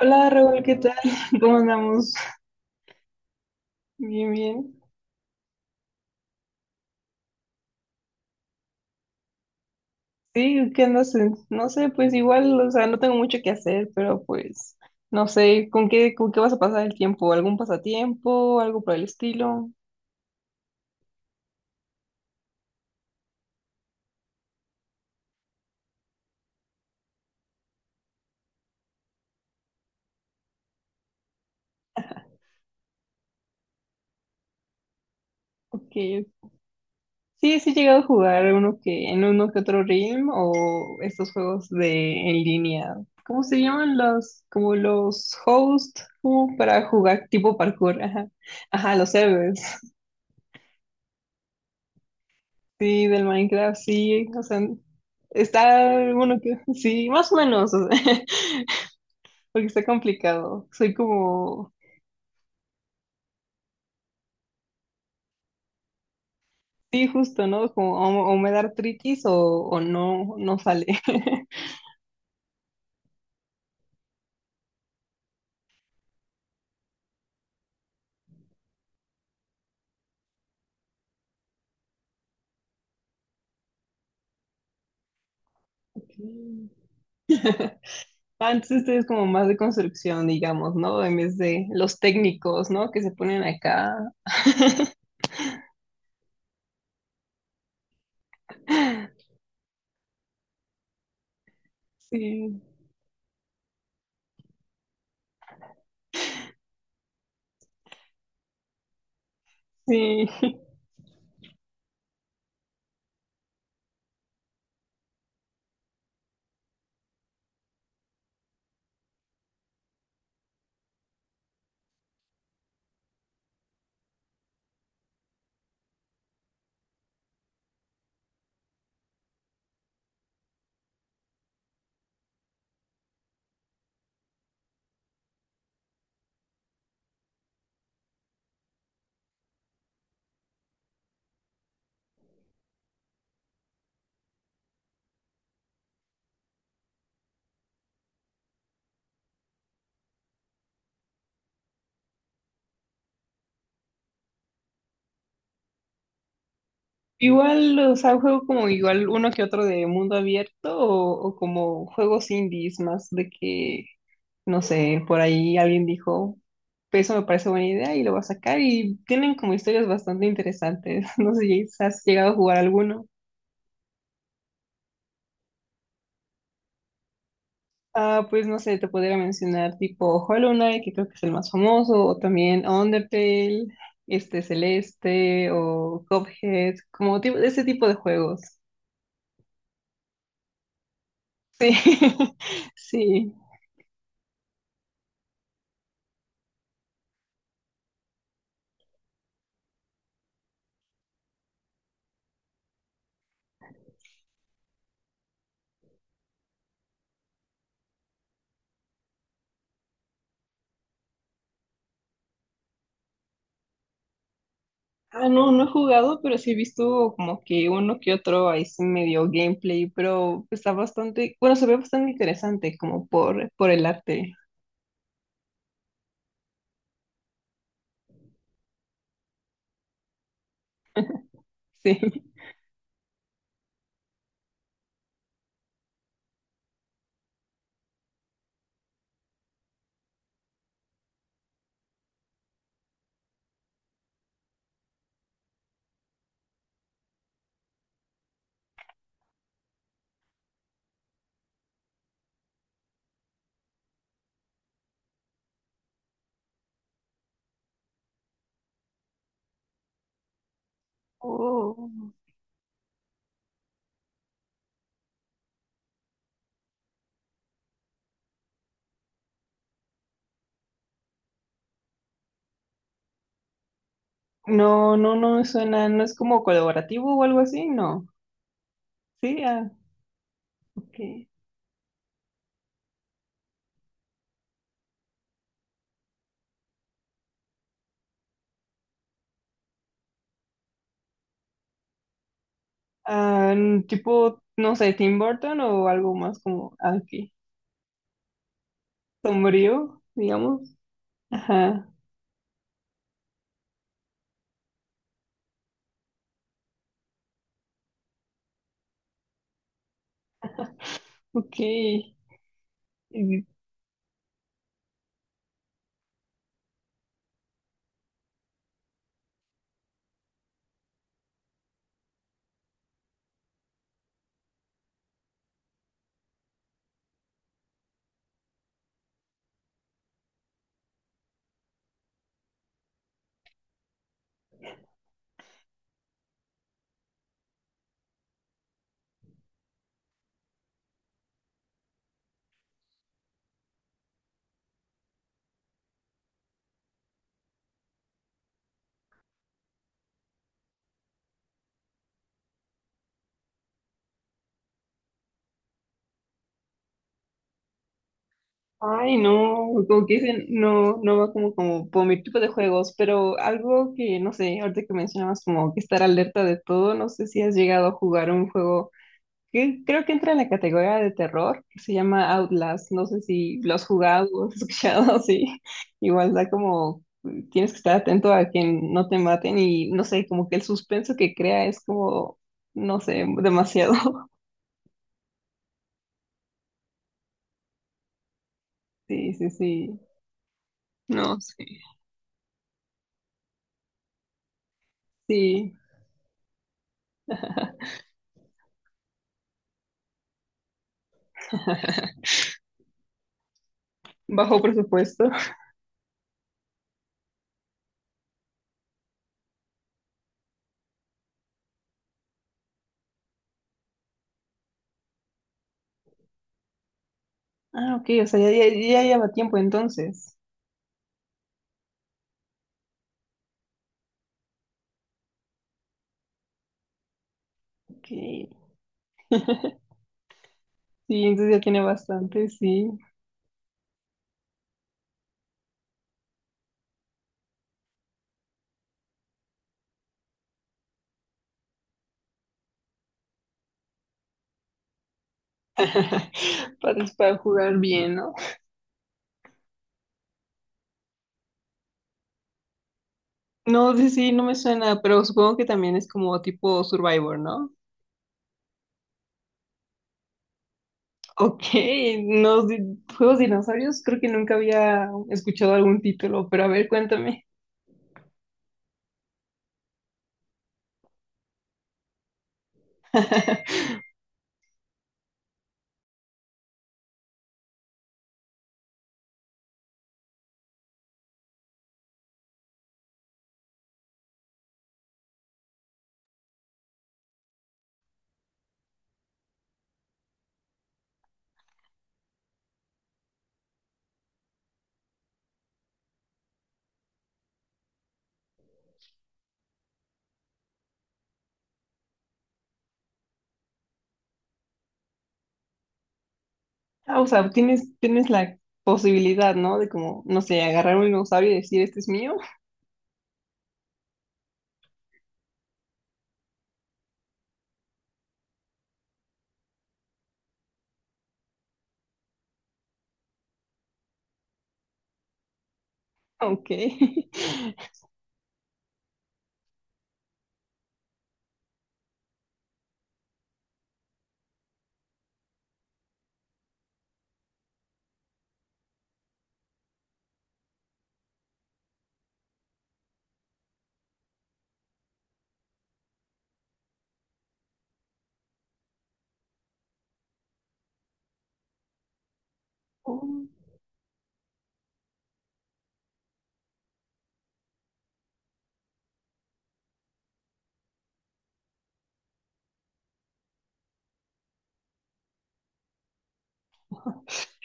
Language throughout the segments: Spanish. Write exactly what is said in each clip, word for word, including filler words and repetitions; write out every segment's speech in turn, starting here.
Hola Raúl, ¿qué tal? ¿Cómo andamos? Bien, bien. Sí, ¿qué andas en- No sé, pues igual, o sea, no tengo mucho que hacer, pero pues, no sé, ¿con qué, con qué vas a pasar el tiempo? ¿Algún pasatiempo? ¿Algo por el estilo? Ok. Sí, sí he llegado a jugar uno que, en uno que otro Realm o estos juegos de en línea. ¿Cómo se llaman los, como los hosts, como para jugar tipo parkour? Ajá, ajá, los servers. Sí, del Minecraft, sí, o sea, está, bueno, que, sí, más o menos, o sea, porque está complicado. Soy como, sí, justo, ¿no? Como o, o me da artritis o, o no, no sale. Antes ustedes es como más de construcción, digamos, ¿no? En vez de los técnicos, ¿no? Que se ponen acá. Sí, sí. Igual, o sea, juego como igual uno que otro de mundo abierto o, o como juegos indies más de que no sé, por ahí alguien dijo, "Pues, eso me parece buena idea y lo va a sacar y tienen como historias bastante interesantes." No sé si has llegado a jugar alguno. Ah, pues no sé, te podría mencionar tipo Hollow Knight, que creo que es el más famoso, o también Undertale, este Celeste, o Cuphead, como tipo, ese tipo de juegos. Sí, sí. Ah, no, no he jugado, pero sí he visto como que uno que otro ahí sí medio gameplay, pero está bastante, bueno, se ve bastante interesante como por, por el arte, sí. Oh. No, no, no me suena, no es como colaborativo o algo así, no. Sí, ah, ok. Ah, n- tipo, no sé, Tim Burton o algo más como, ah, ok, sombrío, digamos. Ajá, ok. Ay, no, como que dicen, no, no va como, como por mi tipo de juegos, pero algo que, no sé, ahorita que mencionabas como que estar alerta de todo, no sé si has llegado a jugar un juego que creo que entra en la categoría de terror, que se llama Outlast, no sé si lo has jugado o has escuchado, sí, igual da como, tienes que estar atento a que no te maten y, no sé, como que el suspenso que crea es como, no sé, demasiado, sí, sí, sí, no, sí, sí, bajo presupuesto. Ah, ok, o sea, ya, ya, ya lleva tiempo entonces. Ok. Sí, entonces ya tiene bastante, sí. Para, para jugar bien, ¿no? No, sí, sí, no me suena, pero supongo que también es como tipo Survivor, ¿no? Ok, no, di- juegos de dinosaurios, creo que nunca había escuchado algún título, pero a ver, cuéntame. Ah, o sea, tienes, tienes la posibilidad, ¿no? De como, no sé, agarrar un dinosaurio y decir, este es mío. Ok. Oh.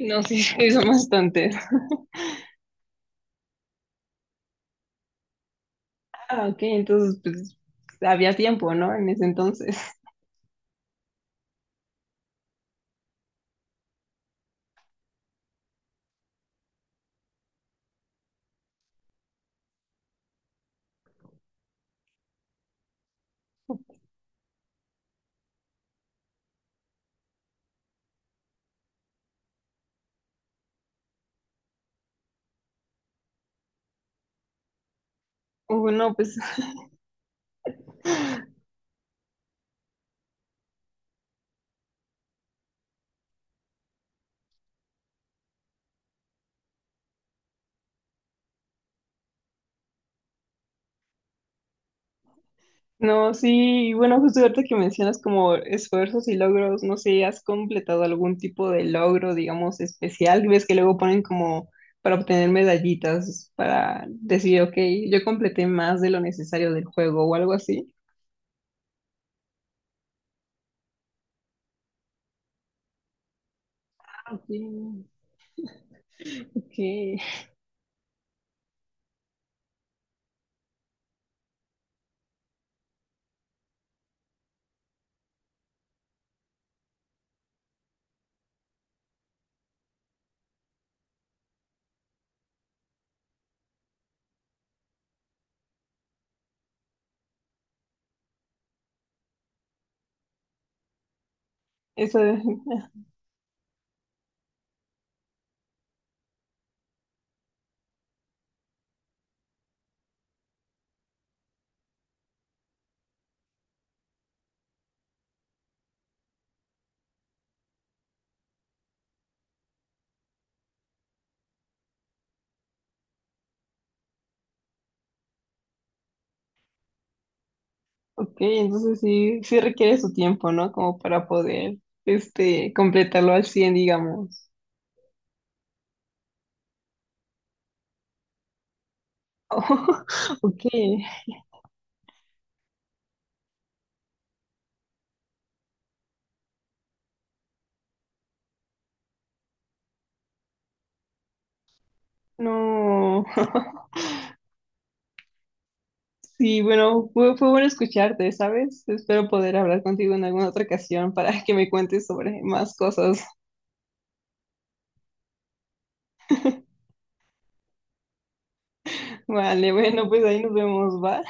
No, sí, sí, son bastantes. Ah, ok, entonces pues había tiempo, ¿no? En ese entonces. Bueno, pues no, sí, y bueno, justo ahorita que mencionas como esfuerzos y logros, no sé, ¿has completado algún tipo de logro, digamos, especial? ¿Ves que luego ponen como para obtener medallitas, para decir, ok, yo completé más de lo necesario del juego o algo así? Ah, ok, ok, eso, ok, entonces sí, sí requiere su tiempo, ¿no? Como para poder, este, completarlo al cien digamos. Oh, ok, no. Sí, bueno, fue, fue bueno escucharte, ¿sabes? Espero poder hablar contigo en alguna otra ocasión para que me cuentes sobre más cosas. Vale, bueno, pues ahí nos vemos, ¿va?